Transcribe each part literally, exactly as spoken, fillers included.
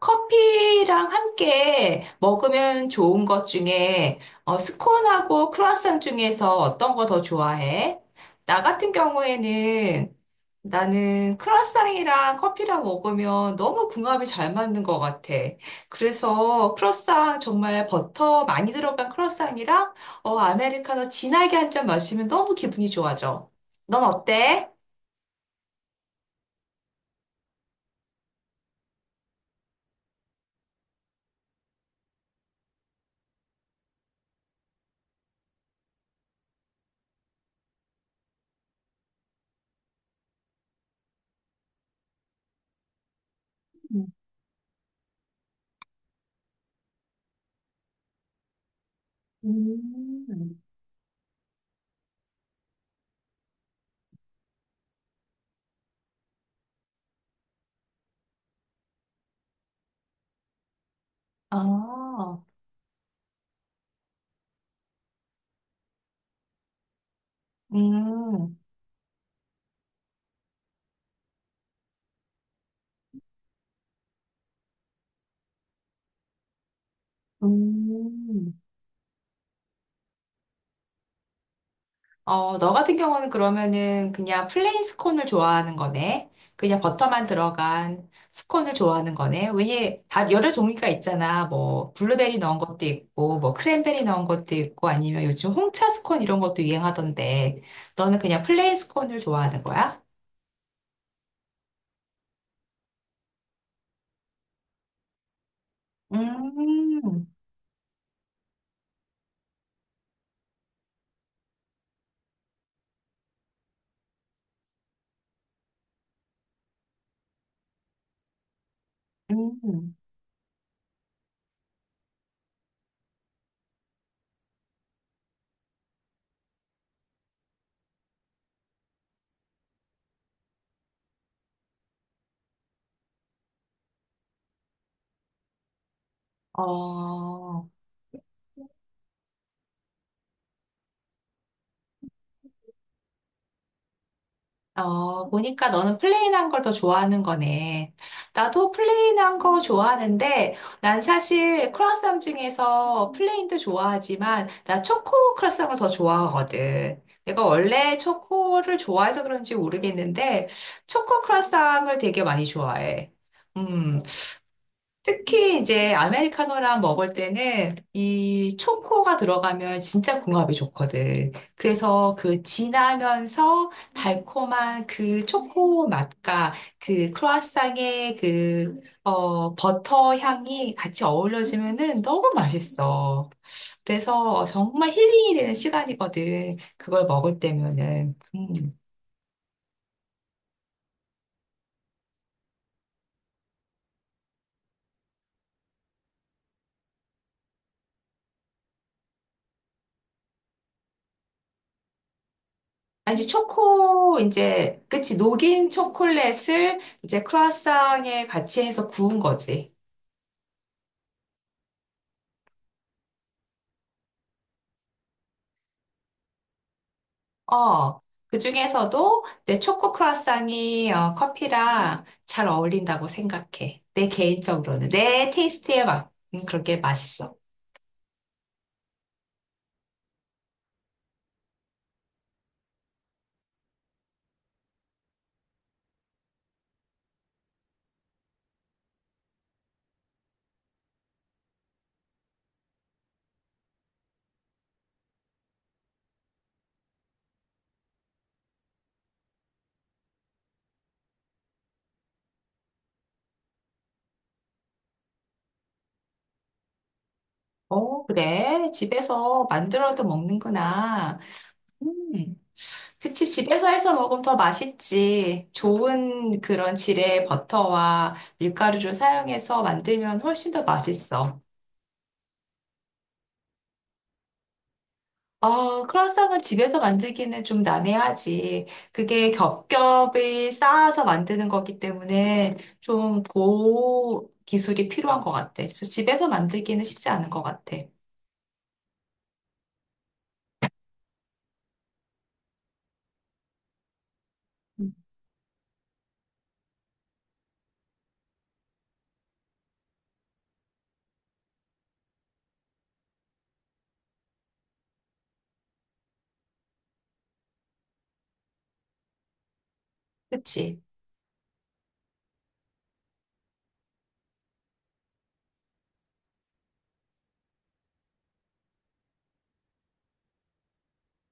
커피랑 함께 먹으면 좋은 것 중에 어, 스콘하고 크루아상 중에서 어떤 거 더 좋아해? 나 같은 경우에는 나는 크루아상이랑 커피랑 먹으면 너무 궁합이 잘 맞는 것 같아. 그래서 크루아상 정말 버터 많이 들어간 크루아상이랑 어, 아메리카노 진하게 한 잔 마시면 너무 기분이 좋아져. 넌 어때? 음. 음, 아, 음, 음. 어, 너 같은 경우는 그러면은 그냥 플레인 스콘을 좋아하는 거네. 그냥 버터만 들어간 스콘을 좋아하는 거네. 왜냐, 다 여러 종류가 있잖아. 뭐, 블루베리 넣은 것도 있고, 뭐, 크랜베리 넣은 것도 있고, 아니면 요즘 홍차 스콘 이런 것도 유행하던데, 너는 그냥 플레인 스콘을 좋아하는 거야? 음, 음, 어, 어, 보니까 너는 플레인한 걸 더 좋아하는 거네. 나도 플레인한 거 좋아하는데, 난 사실 크루아상 중에서 플레인도 좋아하지만, 나 초코 크루아상을 더 좋아하거든. 내가 원래 초코를 좋아해서 그런지 모르겠는데, 초코 크루아상을 되게 많이 좋아해. 음, 특히 이제 아메리카노랑 먹을 때는 이 초코가 들어가면 진짜 궁합이 좋거든. 그래서 그 진하면서 달콤한 그 초코 맛과 그 크루아상의 그, 어, 버터 향이 같이 어우러지면은 너무 맛있어. 그래서 정말 힐링이 되는 시간이거든. 그걸 먹을 때면은. 음. 아니, 초코, 이제, 그치, 녹인 초콜릿을 이제 크루아상에 같이 해서 구운 거지. 어, 그 중에서도 내 초코 크루아상이 어, 커피랑 잘 어울린다고 생각해. 내 개인적으로는. 내 테이스트에 맞, 음, 그렇게 맛있어. 어, 그래. 집에서 만들어도 먹는구나. 음. 그치, 집에서 해서 먹으면 더 맛있지. 좋은 그런 질의 버터와 밀가루를 사용해서 만들면 훨씬 더 맛있어. 어, 크루아상은 집에서 만들기는 좀 난해하지. 그게 겹겹이 쌓아서 만드는 거기 때문에 좀 고 기술이 필요한 것 같아. 그래서 집에서 만들기는 쉽지 않은 것 같아. 음. 그치?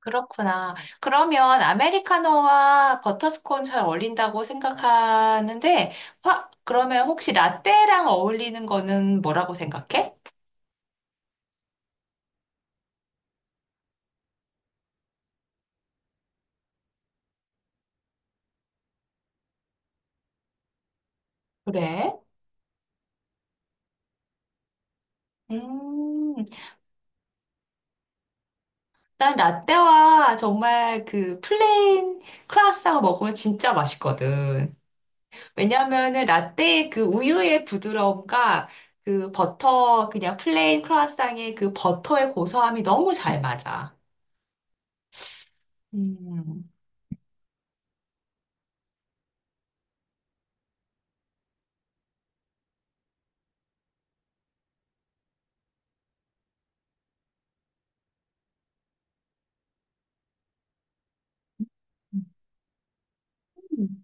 그렇구나. 그러면 아메리카노와 버터스콘 잘 어울린다고 생각하는데, 화, 그러면 혹시 라떼랑 어울리는 거는 뭐라고 생각해? 그래? 음, 난 라떼와 정말 그 플레인 크루아상을 먹으면 진짜 맛있거든. 왜냐하면은 라떼의 그 우유의 부드러움과 그 버터, 그냥 플레인 크루아상의 그 버터의 고소함이 너무 잘 맞아. 음.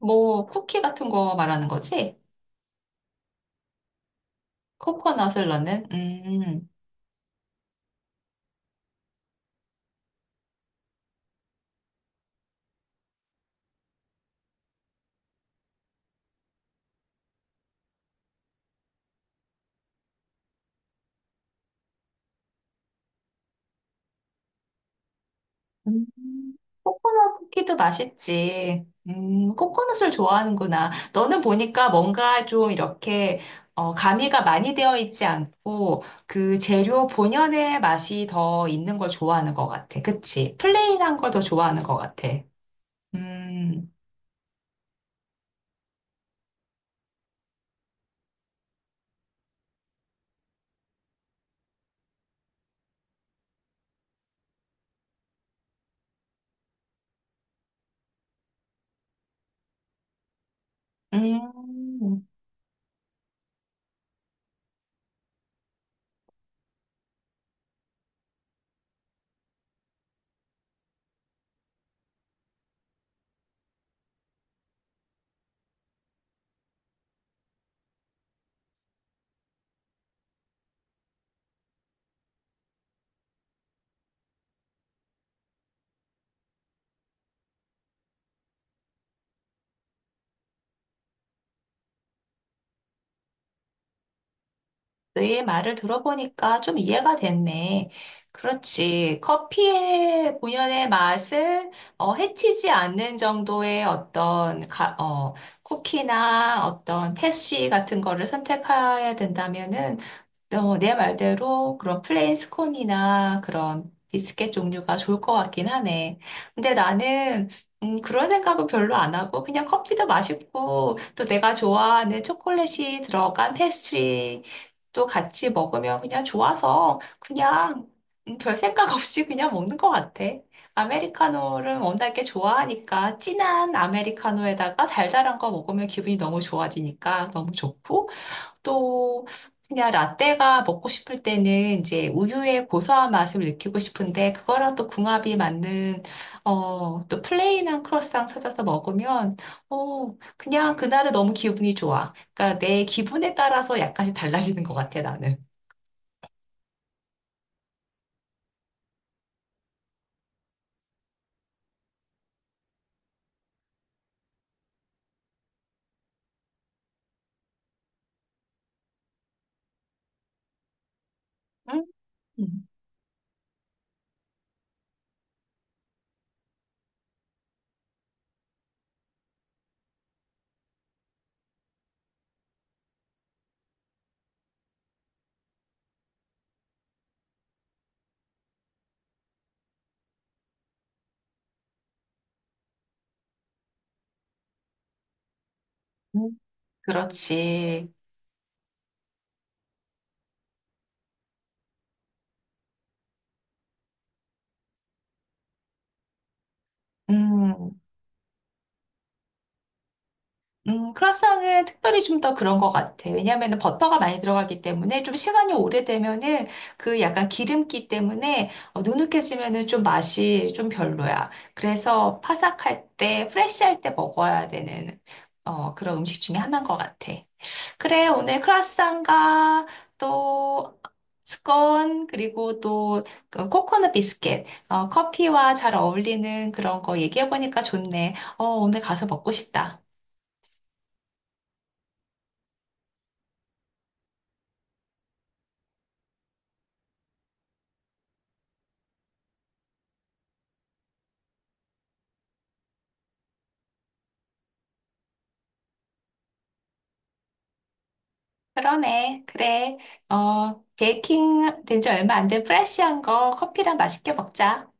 뭐, 쿠키 같은 거 말하는 거지? 코코넛을 넣는? 음, 음. 코코넛 쿠키도 맛있지. 음, 코코넛을 좋아하는구나. 너는 보니까 뭔가 좀 이렇게, 어, 가미가 많이 되어 있지 않고, 그 재료 본연의 맛이 더 있는 걸 좋아하는 것 같아. 그치? 플레인한 걸 더 좋아하는 것 같아. 음, 음. 너의 말을 들어보니까 좀 이해가 됐네. 그렇지. 커피의 본연의 맛을 어, 해치지 않는 정도의 어떤 가- 어, 쿠키나 어떤 패스트리 같은 거를 선택해야 된다면은 어, 내 말대로 그런 플레인 스콘이나 그런 비스켓 종류가 좋을 것 같긴 하네. 근데 나는 음, 그런 생각은 별로 안 하고 그냥 커피도 맛있고 또 내가 좋아하는 초콜릿이 들어간 패스트리 또 같이 먹으면 그냥 좋아서 그냥 음, 별 생각 없이 그냥 먹는 것 같아. 아메리카노를 워낙에 좋아하니까 진한 아메리카노에다가 달달한 거 먹으면 기분이 너무 좋아지니까 너무 좋고 또 그냥 라떼가 먹고 싶을 때는 이제 우유의 고소한 맛을 느끼고 싶은데 그거랑 또 궁합이 맞는 어, 또 플레인한 크로상 찾아서 먹으면 어, 그냥 그날은 너무 기분이 좋아. 그러니까 내 기분에 따라서 약간씩 달라지는 것 같아, 나는. 음, 음. 그렇지. 음. 음, 크라상은 특별히 좀 더 그런 것 같아. 왜냐하면 버터가 많이 들어가기 때문에 좀 시간이 오래되면은 그 약간 기름기 때문에 어, 누눅해지면은 좀 맛이 좀 별로야. 그래서 파삭할 때, 프레쉬할 때 먹어야 되는 어, 그런 음식 중에 하나인 것 같아. 그래, 오늘 크라상과 또 스콘 그리고 또그 코코넛 비스켓, 어, 커피와 잘 어울리는 그런 거 얘기해보니까 좋네. 어, 오늘 가서 먹고 싶다. 그러네. 그래. 어, 베이킹 된지 얼마 안 된 프레쉬한 거 커피랑 맛있게 먹자.